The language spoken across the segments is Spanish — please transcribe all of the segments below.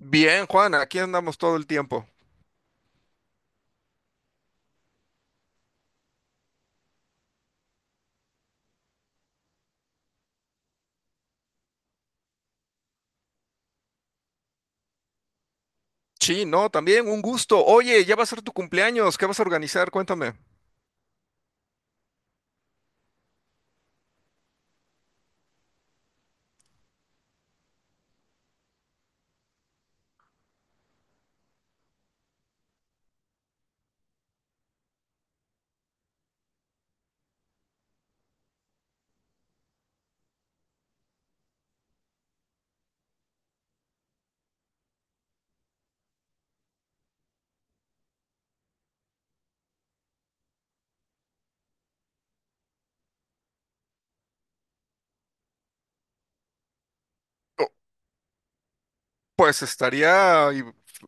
Bien, Juan, aquí andamos todo el tiempo. Sí, no, también un gusto. Oye, ya va a ser tu cumpleaños. ¿Qué vas a organizar? Cuéntame. Pues estaría i-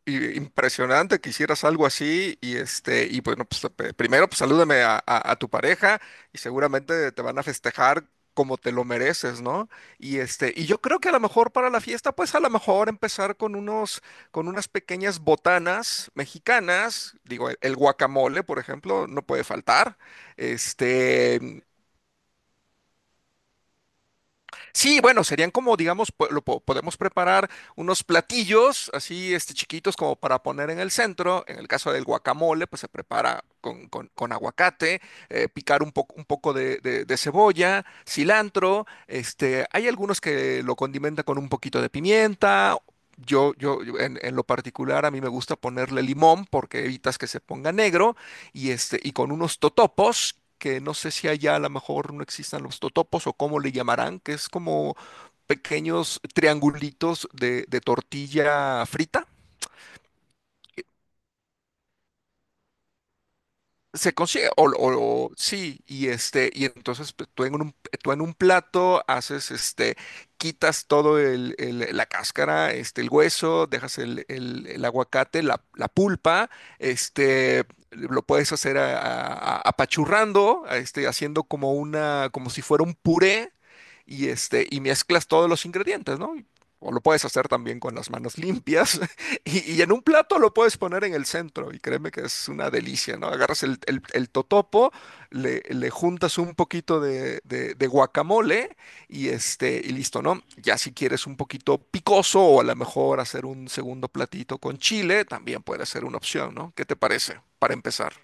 i- impresionante que hicieras algo así y bueno, pues primero pues salúdame a tu pareja y seguramente te van a festejar como te lo mereces, ¿no? Y yo creo que a lo mejor para la fiesta pues a lo mejor empezar con unas pequeñas botanas mexicanas, digo el guacamole, por ejemplo, no puede faltar. Este Sí, bueno, serían como, digamos, podemos preparar unos platillos así, chiquitos como para poner en el centro. En el caso del guacamole, pues se prepara con aguacate, picar un poco de cebolla, cilantro. Hay algunos que lo condimentan con un poquito de pimienta. Yo en lo particular, a mí me gusta ponerle limón porque evitas que se ponga negro. Y con unos totopos que no sé si allá a lo mejor no existan los totopos o cómo le llamarán, que es como pequeños triangulitos de tortilla frita. Se consigue, sí, y entonces pues, tú en un plato haces, quitas todo la cáscara, el hueso, dejas el aguacate, la pulpa, lo puedes hacer apachurrando, haciendo como una, como si fuera un puré, y mezclas todos los ingredientes, ¿no? O lo puedes hacer también con las manos limpias, y en un plato lo puedes poner en el centro y créeme que es una delicia, ¿no? Agarras el totopo, le juntas un poquito de guacamole y listo, ¿no? Ya si quieres un poquito picoso o a lo mejor hacer un segundo platito con chile, también puede ser una opción, ¿no? ¿Qué te parece para empezar?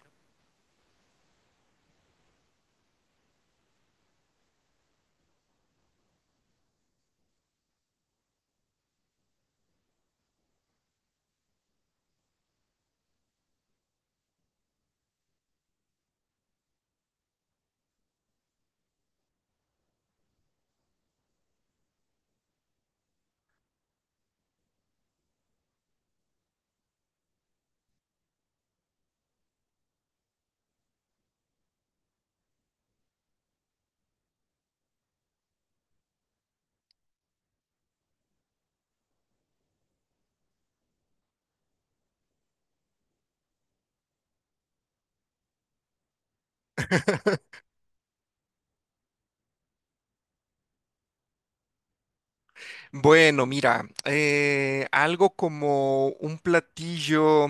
Bueno, mira, algo como un platillo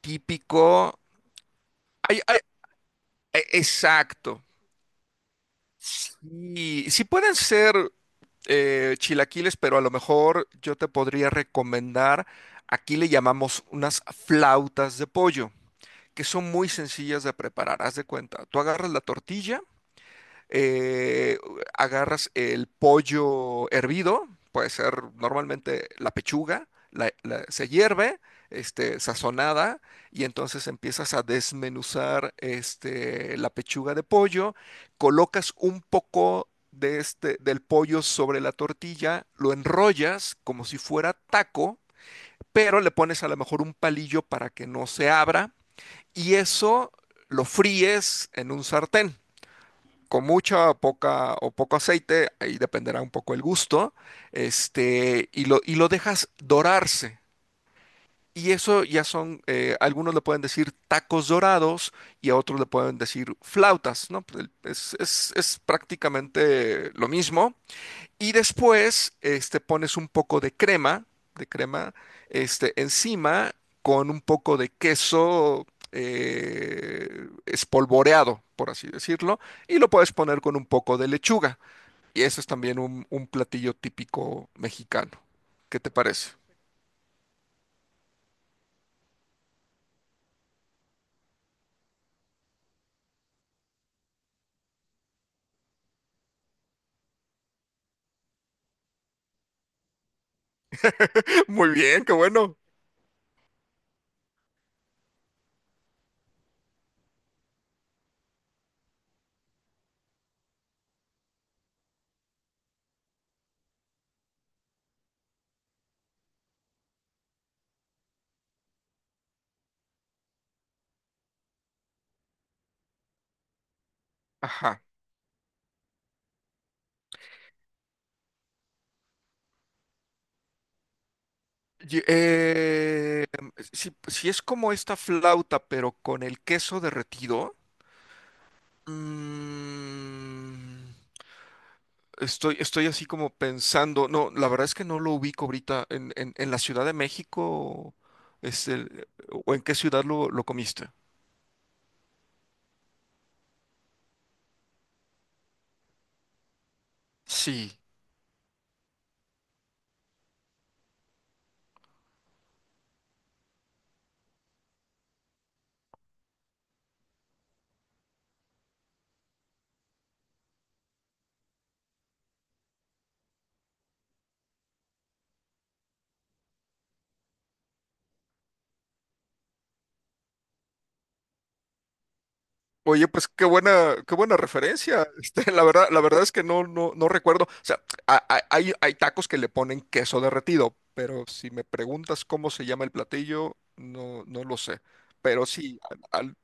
típico. Ay, ay, exacto. Sí, sí pueden ser. Chilaquiles, pero a lo mejor yo te podría recomendar, aquí le llamamos unas flautas de pollo, que son muy sencillas de preparar. Haz de cuenta, tú agarras la tortilla, eh, agarras el pollo hervido, puede ser normalmente la pechuga, se hierve, sazonada, y entonces empiezas a desmenuzar la pechuga de pollo, colocas un poco del pollo sobre la tortilla, lo enrollas como si fuera taco, pero le pones a lo mejor un palillo para que no se abra, y eso lo fríes en un sartén con mucha o poca o poco aceite, ahí dependerá un poco el gusto, y lo dejas dorarse. Y eso ya son, algunos le pueden decir tacos dorados y a otros le pueden decir flautas, ¿no? Es prácticamente lo mismo. Y después, pones un poco de crema, de crema, encima con un poco de queso espolvoreado, por así decirlo, y lo puedes poner con un poco de lechuga. Y eso es también un platillo típico mexicano. ¿Qué te parece? Muy bien, qué bueno. Ajá. Y- eh, si es como esta flauta, pero con el queso derretido. mm, estoy así como pensando, no, la verdad es que no lo ubico ahorita en la Ciudad de México, este, o en qué ciudad lo comiste. Sí. Oye, pues qué buena referencia. La verdad, la verdad es que no, no, no recuerdo. O sea, hay tacos que le ponen queso derretido, pero si me preguntas cómo se llama el platillo, no, no lo sé. Pero sí, al-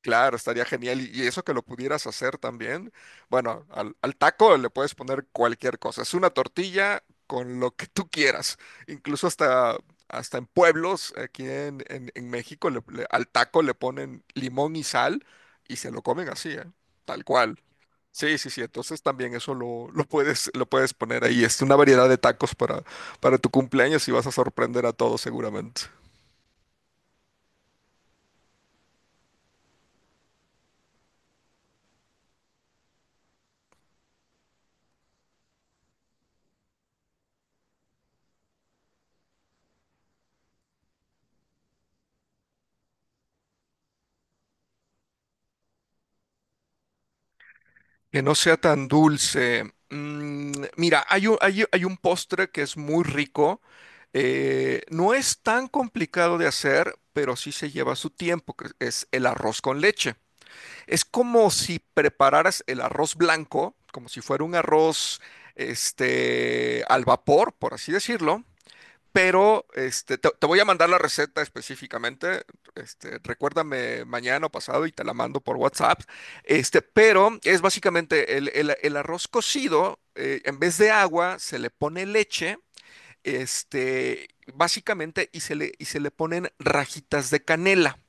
claro, estaría genial. Y eso que lo pudieras hacer también. Bueno, al taco le puedes poner cualquier cosa. Es una tortilla con lo que tú quieras. Incluso hasta en pueblos, aquí en México, al taco le ponen limón y sal y se lo comen así, ¿eh? Tal cual. Sí, sí, sí. Entonces también eso lo, lo puedes poner ahí. Es una variedad de tacos para tu cumpleaños y vas a sorprender a todos seguramente. Que no sea tan dulce. Mira, hay un postre que es muy rico. No es tan complicado de hacer, pero sí se lleva su tiempo, que es el arroz con leche. Es como si prepararas el arroz blanco, como si fuera un arroz al vapor, por así decirlo. Pero te voy a mandar la receta específicamente. Recuérdame mañana o pasado y te la mando por WhatsApp. Pero es básicamente el arroz cocido, en vez de agua, se le pone leche, este, básicamente, y se le ponen rajitas de canela.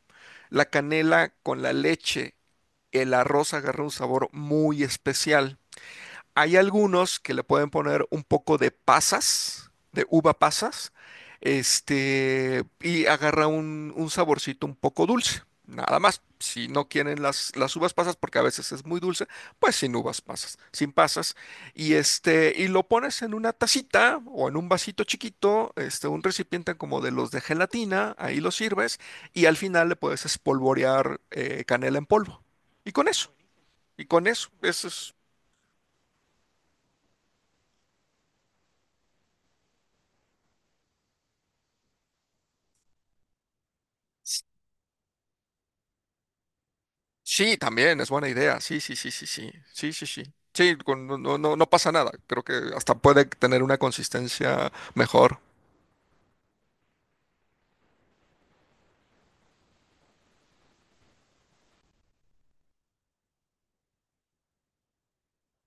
La canela con la leche el arroz agarra un sabor muy especial. Hay algunos que le pueden poner un poco de pasas, de uva pasas, y agarra un saborcito un poco dulce. Nada más, si no quieren las uvas pasas, porque a veces es muy dulce, pues sin uvas pasas, sin pasas. Y lo pones en una tacita o en un vasito chiquito, un recipiente como de los de gelatina, ahí lo sirves, y al final le puedes espolvorear canela en polvo. Y con eso. Y con eso, eso es. Sí, también es buena idea. Sí, sí, sí, sí, sí. Sí, sí, sí. Sí, no, no, no pasa nada. Creo que hasta puede tener una consistencia mejor.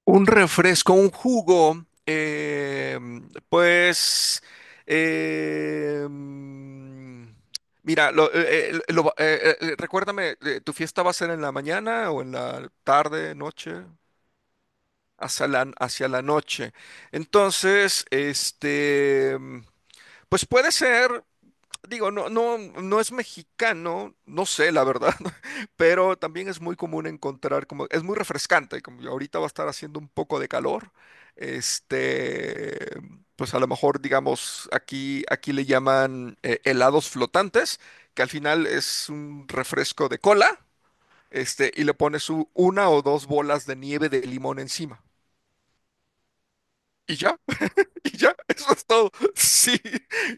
Un refresco, un jugo, pues, eh, mm, mira, recuérdame, ¿tu fiesta va a ser en la mañana o en la tarde, noche? Hacia la noche. Entonces, pues puede ser, digo, no, no, no es mexicano, no sé, la verdad, pero también es muy común encontrar, como, es muy refrescante, como ahorita va a estar haciendo un poco de calor, este, pues a lo mejor, digamos, aquí le llaman helados flotantes, que al final es un refresco de cola, y le pones una o dos bolas de nieve de limón encima. Y ya. Y ya, eso es todo. Sí,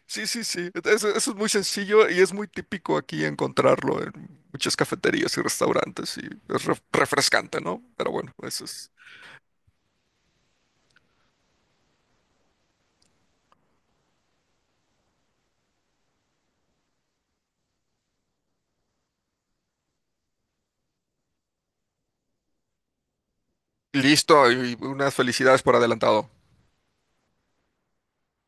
sí, sí, sí. Eso es muy sencillo y es muy típico aquí encontrarlo en muchas cafeterías y restaurantes y es refrescante, ¿no? Pero bueno, eso es. Listo y unas felicidades por adelantado.